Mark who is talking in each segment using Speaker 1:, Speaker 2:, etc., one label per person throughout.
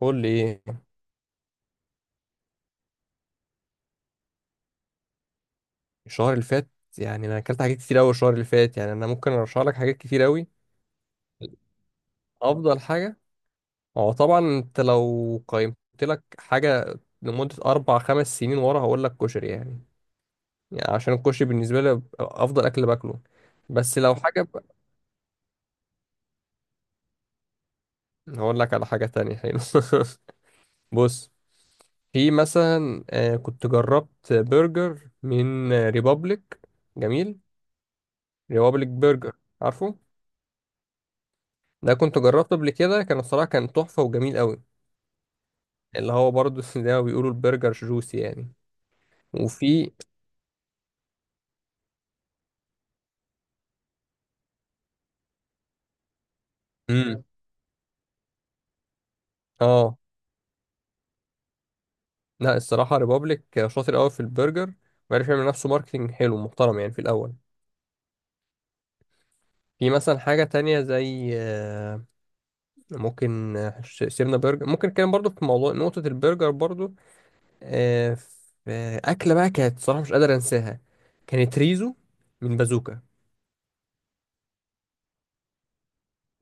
Speaker 1: قول لي ايه؟ الشهر اللي فات؟ يعني انا اكلت حاجات كتير قوي الشهر اللي فات. يعني انا ممكن ارشح لك حاجات كتير قوي. افضل حاجه. هو طبعا انت لو قيمت لك حاجه لمده 4 5 سنين ورا هقول لك كشري يعني، يعني عشان الكشري بالنسبه لي افضل اكل باكله. بس لو حاجه هقول لك على حاجه تانية حلو. بص، في مثلا كنت جربت برجر من ريبابليك. جميل. ريبابليك برجر. عارفه؟ ده كنت جربته قبل كده، كان الصراحة كان تحفة وجميل قوي. اللي هو برضه زي ما بيقولوا البرجر جوسي يعني. وفي امم اه لا الصراحة ريبابليك شاطر قوي في البرجر، وعرف يعمل نفسه ماركتنج حلو محترم يعني في الأول. في مثلا حاجة تانية زي ممكن سيبنا برجر، ممكن كان برضه في موضوع نقطة البرجر برضه. آه، في أكلة بقى كانت صراحة مش قادر أنساها، كانت ريزو من بازوكا.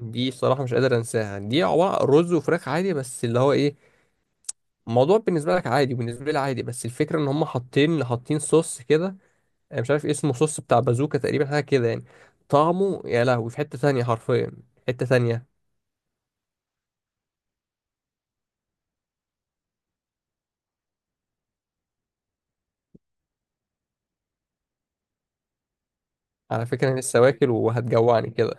Speaker 1: دي صراحة مش قادر أنساها. دي عبارة عن رز وفراخ عادي، بس اللي هو إيه، الموضوع بالنسبه لك عادي وبالنسبه لي عادي، بس الفكره ان هم حاطين حاطين صوص كده. أنا مش عارف إيه اسمه، صوص بتاع بازوكا تقريبا، حاجه كده يعني. طعمه يا لهوي في حته تانية حرفيا، حته تانية. على فكره انا لسه واكل وهتجوعني كده.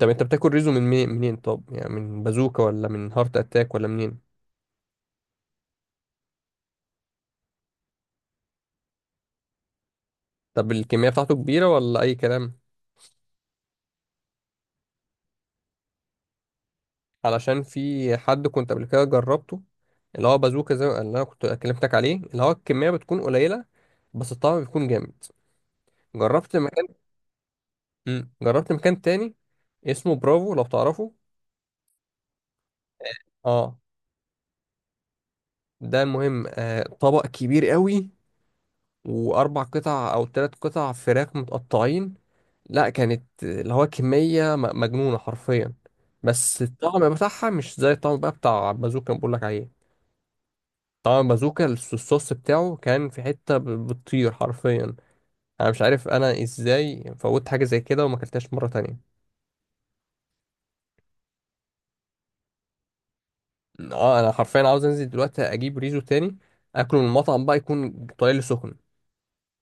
Speaker 1: طب انت بتاكل ريزو من منين طب؟ يعني من بازوكا ولا من هارت اتاك ولا منين؟ طب الكميه بتاعته كبيره ولا اي كلام؟ علشان في حد كنت قبل كده جربته، اللي هو بازوكا زي اللي انا كنت كلمتك عليه، اللي هو الكميه بتكون قليله بس الطعم بيكون جامد. جربت مكان. جربت مكان تاني اسمه برافو لو تعرفه. اه ده مهم. طبق كبير قوي، و 4 قطع او 3 قطع فراخ متقطعين. لا كانت اللي هو كمية مجنونة حرفيا، بس الطعم بتاعها مش زي الطعم بقى بتاع بازوكا اللي بقولك عليه. طعم بازوكا الصوص بتاعه كان في حتة بتطير حرفيا. انا مش عارف انا ازاي فوت حاجة زي كده وما اكلتهاش مرة تانية. اه انا حرفيا عاوز انزل دلوقتي اجيب ريزو تاني، اكله من المطعم بقى يكون طالع لي سخن.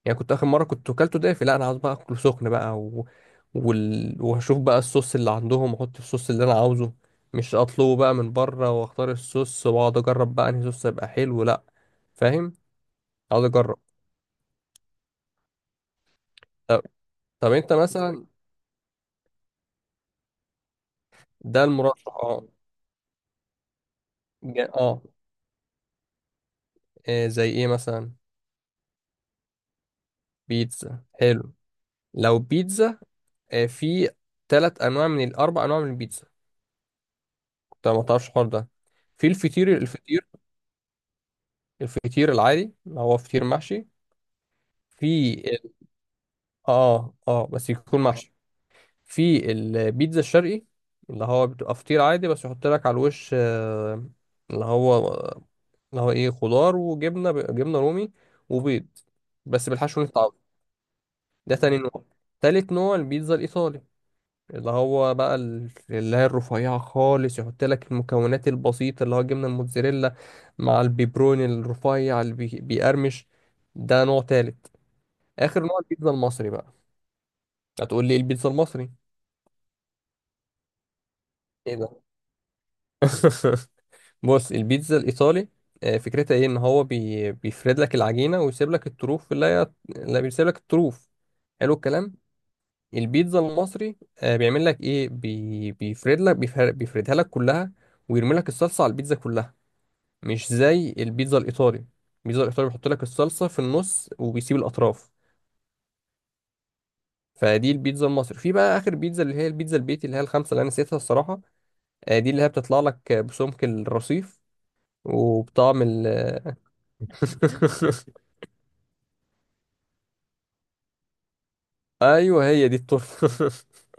Speaker 1: يعني كنت اخر مره كنت اكلته دافي، لا انا عاوز بقى اكله سخن بقى وهشوف بقى الصوص اللي عندهم واحط الصوص اللي انا عاوزه، مش اطلبه بقى من بره، واختار الصوص واقعد اجرب بقى انهي صوص هيبقى حلو لا. فاهم؟ عاوز اجرب. طب, طب انت مثلا. ده المرشح اه. اه. زي ايه مثلا؟ بيتزا حلو. لو بيتزا في 3 انواع من ال 4 انواع من البيتزا. انت ما تعرفش الحوار ده؟ في الفطير. الفطير، الفطير العادي اللي هو فطير محشي. في ال... اه اه بس يكون محشي. في البيتزا الشرقي، اللي هو بتبقى فطير عادي بس يحط لك على الوش اللي هو اللي هو ايه، خضار وجبنه، جبنه رومي وبيض، بس بالحشو اللي انت عاوزه. ده تاني نوع. تالت نوع البيتزا الايطالي، اللي هو بقى اللي هي الرفيعة خالص، يحط لك المكونات البسيطة اللي هو جبنة الموتزاريلا مع البيبروني الرفيع اللي بيقرمش. ده نوع تالت. آخر نوع البيتزا المصري بقى. هتقول لي إيه البيتزا المصري. ايه ده؟ بص، البيتزا الإيطالي فكرتها ايه، ان هو بيفرد لك العجينة ويسيب لك الطروف، اللي هي اللي بيسيب لك الطروف. حلو الكلام. البيتزا المصري بيعمل لك ايه، بي... بيفرد لك بيفر... بيفردها لك كلها، ويرمي لك الصلصة على البيتزا كلها. مش زي البيتزا الإيطالي. البيتزا الإيطالي بيحط لك الصلصة في النص وبيسيب الأطراف. فدي البيتزا المصري. في بقى آخر بيتزا اللي هي البيتزا البيتي، اللي هي الخمسة اللي أنا نسيتها الصراحة. دي اللي هي بتطلع لك بسمك الرصيف وبطعم أيوه هي دي التورتة.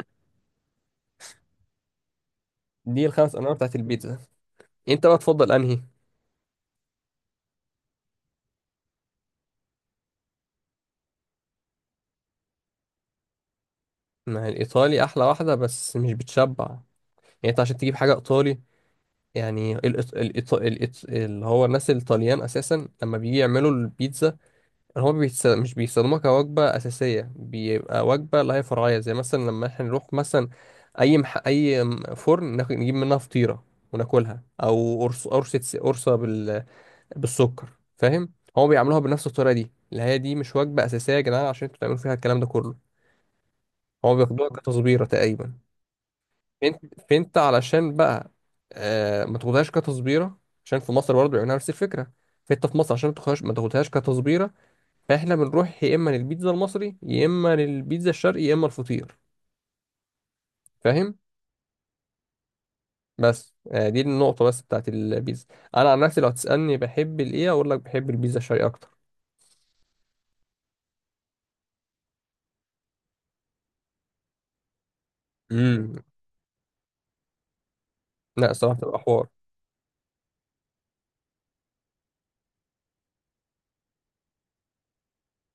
Speaker 1: دي ال 5 أنواع بتاعت البيتزا. أنت بقى تفضل أنهي؟ ما هي الإيطالي أحلى واحدة بس مش بتشبع. يعني أنت عشان تجيب حاجة إيطالي، يعني اللي هو الناس الإيطاليان أساسا لما بيجي يعملوا البيتزا، هو مش بيستخدموها كوجبة أساسية، بيبقى وجبة لها فرعية، زي مثلا لما احنا نروح مثلا أي أي فرن نجيب منها فطيرة وناكلها، أو قرص، قرصة بالسكر. فاهم؟ هو بيعملوها بنفس الطريقة دي، اللي هي دي مش وجبة أساسية يا جدعان عشان انتوا تعملوا فيها الكلام ده كله. هو بياخدوها كتصبيرة تقريبا. فانت، فانت علشان بقى ما تاخدهاش كتصبيرة، عشان في مصر برضه بيعملوها نفس الفكرة. فانت في مصر عشان ما تاخدهاش، ما تاخدهاش كتصبيرة. فاحنا بنروح يا اما للبيتزا المصري، يا اما للبيتزا الشرقي، يا اما الفطير. فاهم؟ بس دي النقطه بس بتاعت البيتزا. انا عن نفسي لو هتسالني بحب الايه، اقول لك بحب البيتزا الشرقي اكتر. امم. لا صراحه بتبقى حوار.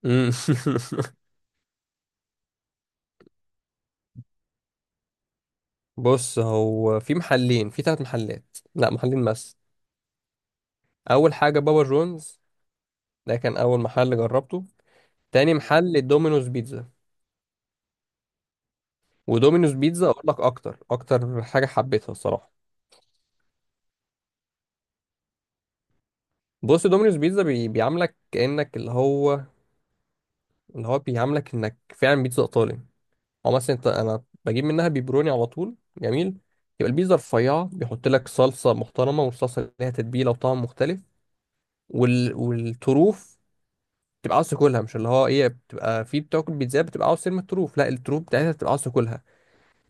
Speaker 1: مم. بص، هو في محلين، في 3 محلات، لا محلين بس. اول حاجه بابا جونز، ده كان اول محل جربته. تاني محل دومينوز بيتزا. ودومينوز بيتزا اقول لك اكتر اكتر حاجه حبيتها الصراحه. بص، دومينوز بيتزا بيعاملك كانك اللي هو، اللي هو بيعاملك انك فعلا بيتزا ايطالي. او مثلا انت، انا بجيب منها بيبروني على طول، جميل. يبقى البيتزا رفيعه، بيحط لك صلصه محترمه، والصلصه ليها تتبيله وطعم مختلف. والطروف تبقى عاوز تاكلها، مش اللي هو ايه، بتبقى في بتاكل بيتزا بتبقى عاوز ترمي الطروف، لا الطروف بتاعتها بتبقى عاوز تاكلها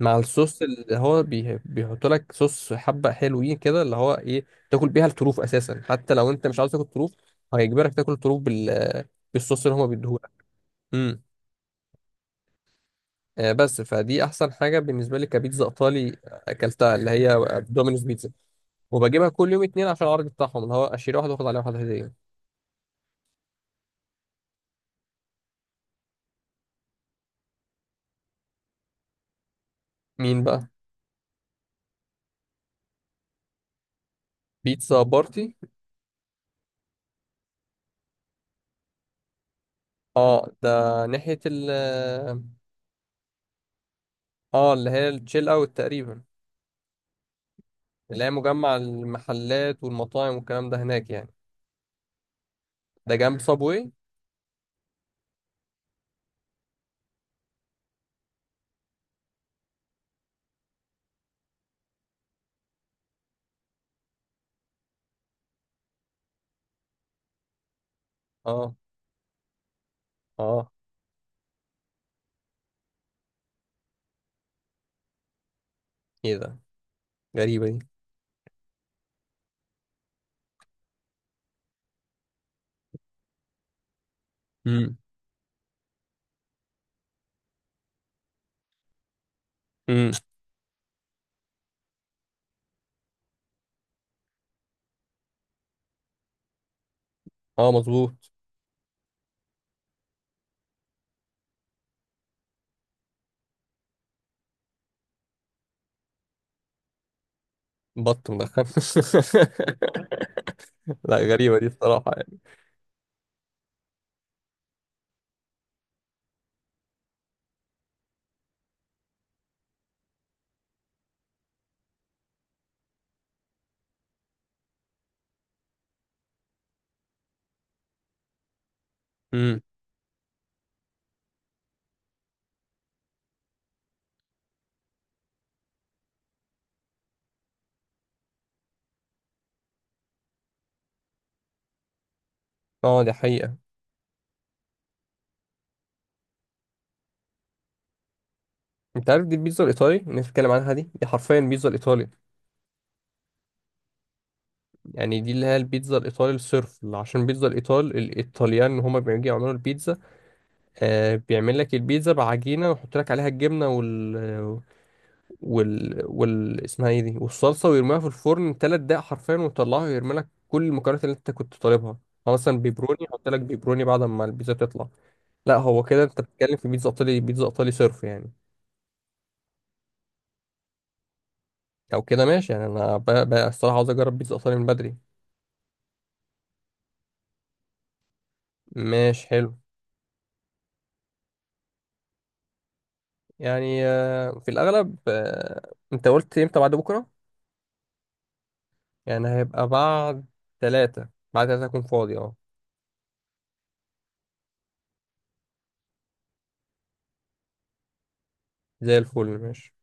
Speaker 1: مع الصوص، اللي هو بيحط لك صوص حبه حلوين كده، اللي هو ايه تاكل بيها الطروف اساسا. حتى لو انت مش عاوز تاكل طروف، هيجبرك تاكل الطروف بالصوص اللي هما بيديهولك. بس فدي احسن حاجه بالنسبه لي كبيتزا ايطالي اكلتها، اللي هي دومينوز بيتزا. وبجيبها كل يوم اتنين عشان العرض بتاعهم اللي هو اشتري واحده واخد عليها واحده هديه. مين بقى؟ بيتزا بارتي. اه ده ناحيه اه اللي هي التشيل اوت تقريبا، اللي هي مجمع المحلات والمطاعم والكلام ده هناك يعني. ده جنب صابوي. اه اه. ايه ده؟ غريبه دي. امم، امم. اه مظبوط. بط مدخن؟ لا غريبه دي بصراحه يعني. امم. اه دي حقيقة. انت عارف دي البيتزا الايطالي اللي نتكلم عنها، دي دي حرفيا بيتزا الايطالي. يعني دي اللي هي البيتزا الايطالي الصرف، عشان بيتزا الايطال الايطاليان هما بيجي يعملوا البيتزا بيعمل لك البيتزا بعجينه ويحط لك عليها الجبنه وال وال وال اسمها ايه دي، والصلصه، ويرميها في الفرن 3 دقايق حرفيا، ويطلعها ويرمي لك كل المكونات اللي انت كنت طالبها. هو مثلا بيبروني، يحط لك بيبروني بعد ما البيتزا تطلع. لا هو كده انت بتتكلم في بيتزا ايطالي، بيتزا ايطالي صرف يعني. او كده ماشي. يعني انا بقى الصراحه عاوز اجرب بيتزا ايطالي من بدري. ماشي حلو. يعني في الأغلب. أنت قلت إمتى؟ بعد بكرة؟ يعني هيبقى بعد 3. بعد تلاتة أكون فاضي أه. زي الفل ماشي.